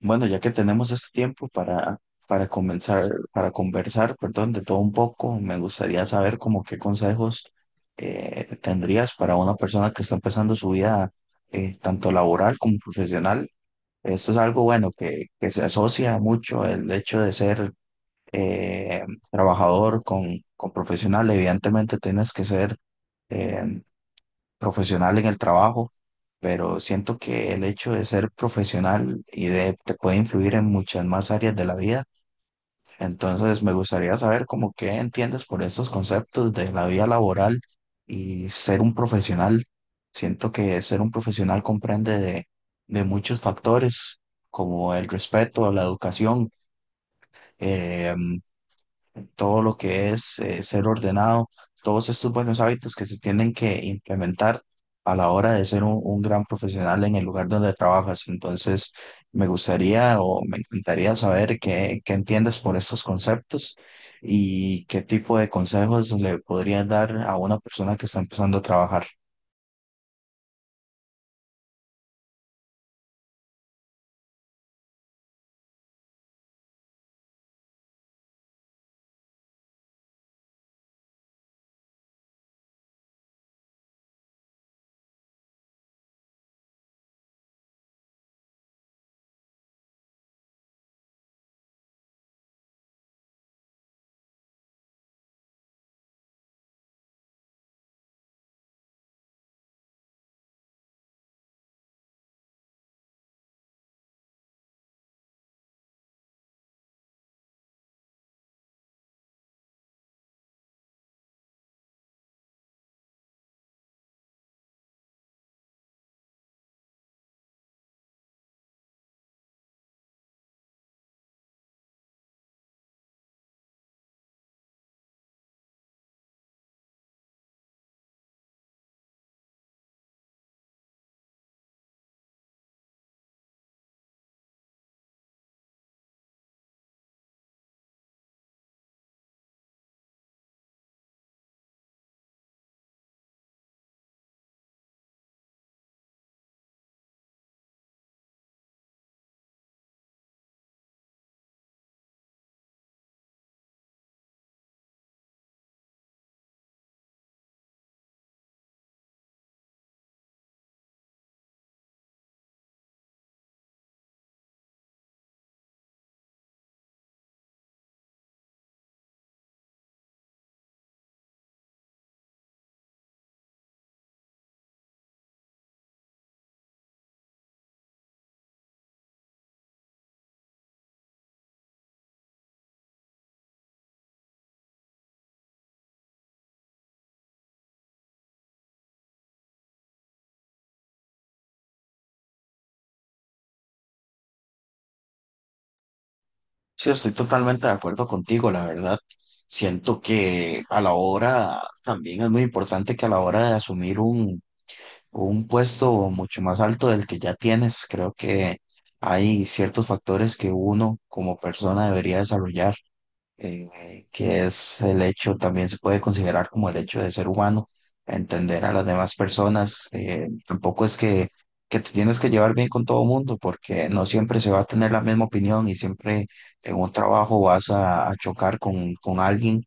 Bueno, ya que tenemos este tiempo para comenzar, para conversar, perdón, de todo un poco, me gustaría saber como qué consejos tendrías para una persona que está empezando su vida tanto laboral como profesional. Esto es algo bueno que se asocia mucho el hecho de ser eh, trabajador con profesional. Evidentemente tienes que ser eh, profesional en el trabajo, pero siento que el hecho de ser profesional y de te puede influir en muchas más áreas de la vida. Entonces, me gustaría saber cómo qué entiendes por estos conceptos de la vida laboral y ser un profesional. Siento que ser un profesional comprende de muchos factores, como el respeto, la educación, eh, todo lo que es ser ordenado, todos estos buenos hábitos que se tienen que implementar a la hora de ser un gran profesional en el lugar donde trabajas. Entonces, me gustaría o me encantaría saber qué entiendes por estos conceptos y qué tipo de consejos le podrías dar a una persona que está empezando a trabajar. Sí, estoy totalmente de acuerdo contigo, la verdad. Siento que a la hora, también es muy importante que a la hora de asumir un puesto mucho más alto del que ya tienes. Creo que hay ciertos factores que uno como persona debería desarrollar, que es el hecho, también se puede considerar como el hecho de ser humano, entender a las demás personas. Tampoco es que te tienes que llevar bien con todo el mundo, porque no siempre se va a tener la misma opinión y siempre en un trabajo a chocar con alguien,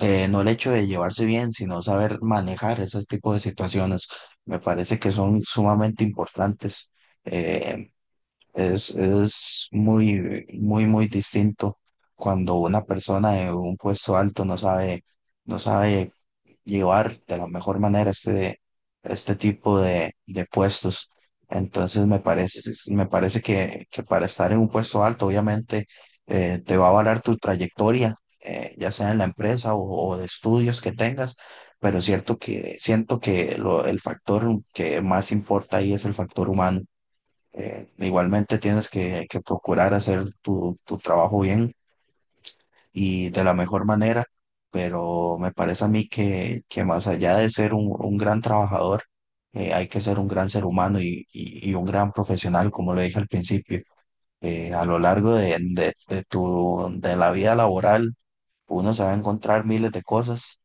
no el hecho de llevarse bien, sino saber manejar esos tipos de situaciones. Me parece que son sumamente importantes. Eh, es muy, muy, muy distinto cuando una persona de un puesto alto no sabe, no sabe llevar de la mejor manera este tipo de puestos. Entonces me parece que para estar en un puesto alto, obviamente, te va a valer tu trayectoria, ya sea en la empresa o de estudios que tengas, pero cierto que siento que el factor que más importa ahí es el factor humano. Igualmente tienes que procurar hacer tu trabajo bien y de la mejor manera, pero me parece a mí que más allá de ser un gran trabajador, hay que ser un gran ser humano y un gran profesional, como lo dije al principio. A lo largo de de la vida laboral, uno se va a encontrar miles de cosas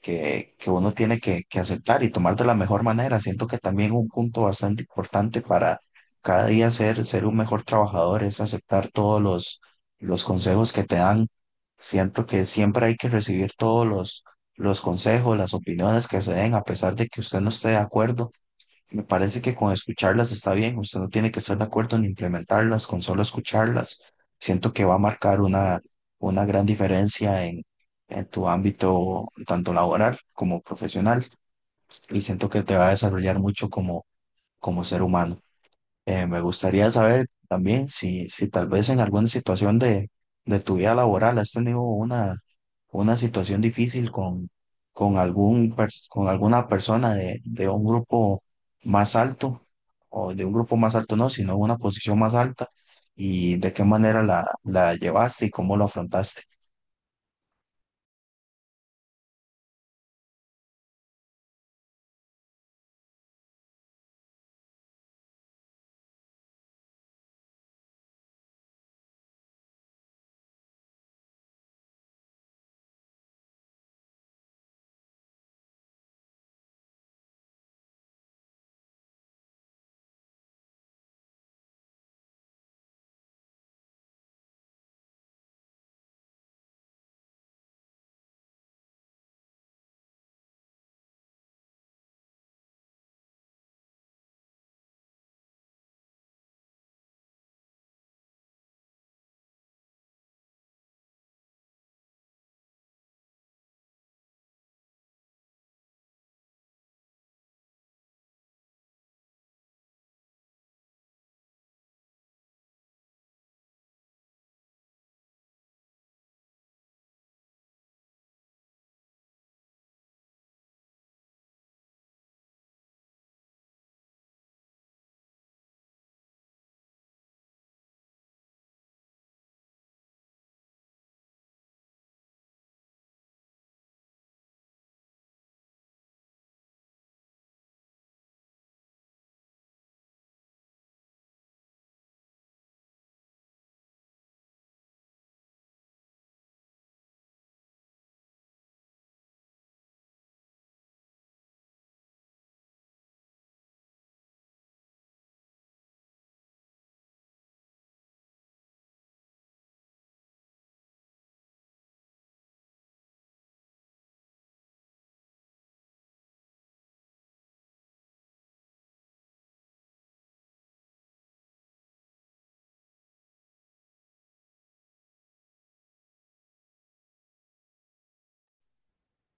que uno tiene que aceptar y tomar de la mejor manera. Siento que también un punto bastante importante para cada día ser un mejor trabajador es aceptar todos los consejos que te dan. Siento que siempre hay que recibir todos los consejos, las opiniones que se den. A pesar de que usted no esté de acuerdo, me parece que con escucharlas está bien, usted no tiene que estar de acuerdo en implementarlas, con solo escucharlas, siento que va a marcar una gran diferencia en tu ámbito tanto laboral como profesional y siento que te va a desarrollar mucho como ser humano. Me gustaría saber también si tal vez en alguna situación de tu vida laboral has tenido una situación difícil con alguna persona de un grupo más alto, o de un grupo más alto no, sino una posición más alta, y de qué manera la llevaste y cómo lo afrontaste.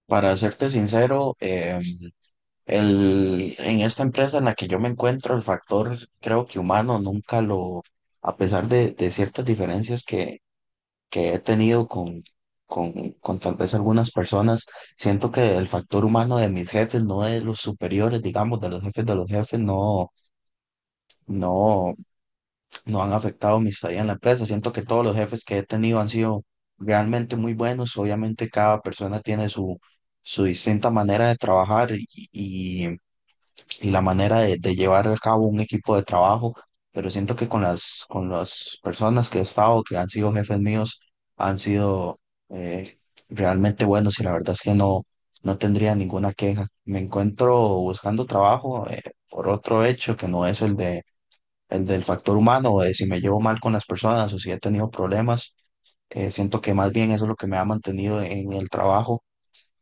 Para serte sincero, en esta empresa en la que yo me encuentro, el factor creo que humano nunca lo, a pesar de ciertas diferencias que he tenido con tal vez algunas personas, siento que el factor humano de mis jefes, no de los superiores, digamos, de los jefes, no, no han afectado mi estadía en la empresa. Siento que todos los jefes que he tenido han sido realmente muy buenos. Obviamente cada persona tiene su distinta manera de trabajar y la manera de llevar a cabo un equipo de trabajo, pero siento que con con las personas que he estado, que han sido jefes míos, han sido eh, realmente buenos y la verdad es que no, no tendría ninguna queja. Me encuentro buscando trabajo, por otro hecho que no es el del factor humano, o de si me llevo mal con las personas o si he tenido problemas. Siento que más bien eso es lo que me ha mantenido en el trabajo,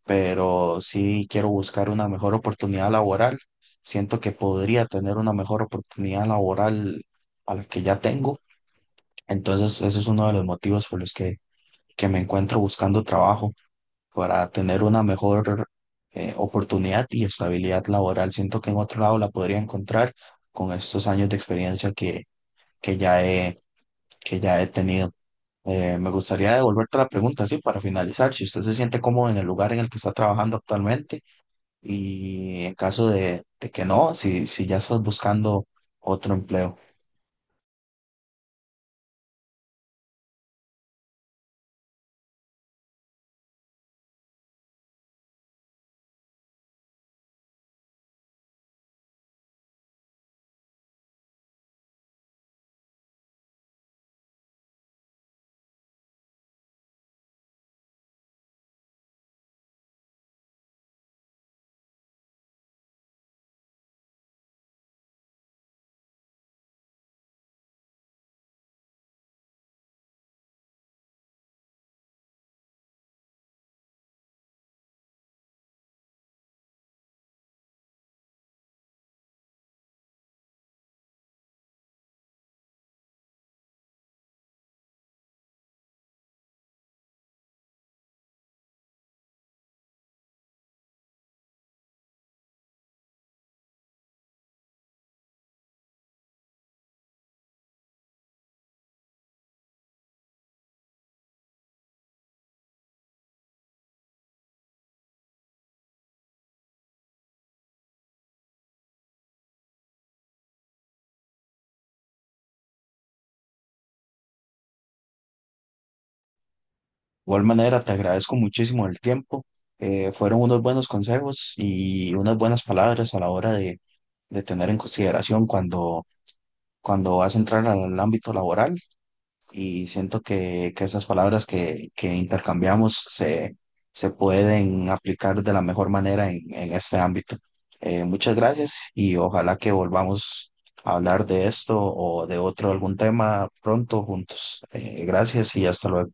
pero sí quiero buscar una mejor oportunidad laboral. Siento que podría tener una mejor oportunidad laboral a la que ya tengo. Entonces, ese es uno de los motivos por los que me encuentro buscando trabajo, para tener una mejor oportunidad y estabilidad laboral. Siento que en otro lado la podría encontrar con estos años de experiencia que ya he, que ya he tenido. Me gustaría devolverte la pregunta, sí, para finalizar, si usted se siente cómodo en el lugar en el que está trabajando actualmente y en caso de que no, si ya estás buscando otro empleo. De igual manera, te agradezco muchísimo el tiempo. Fueron unos buenos consejos y unas buenas palabras a la hora de tener en consideración cuando vas a entrar al ámbito laboral. Y siento que esas palabras que intercambiamos se, se pueden aplicar de la mejor manera en este ámbito. Muchas gracias y ojalá que volvamos a hablar de esto o de otro algún tema pronto juntos. Gracias y hasta luego.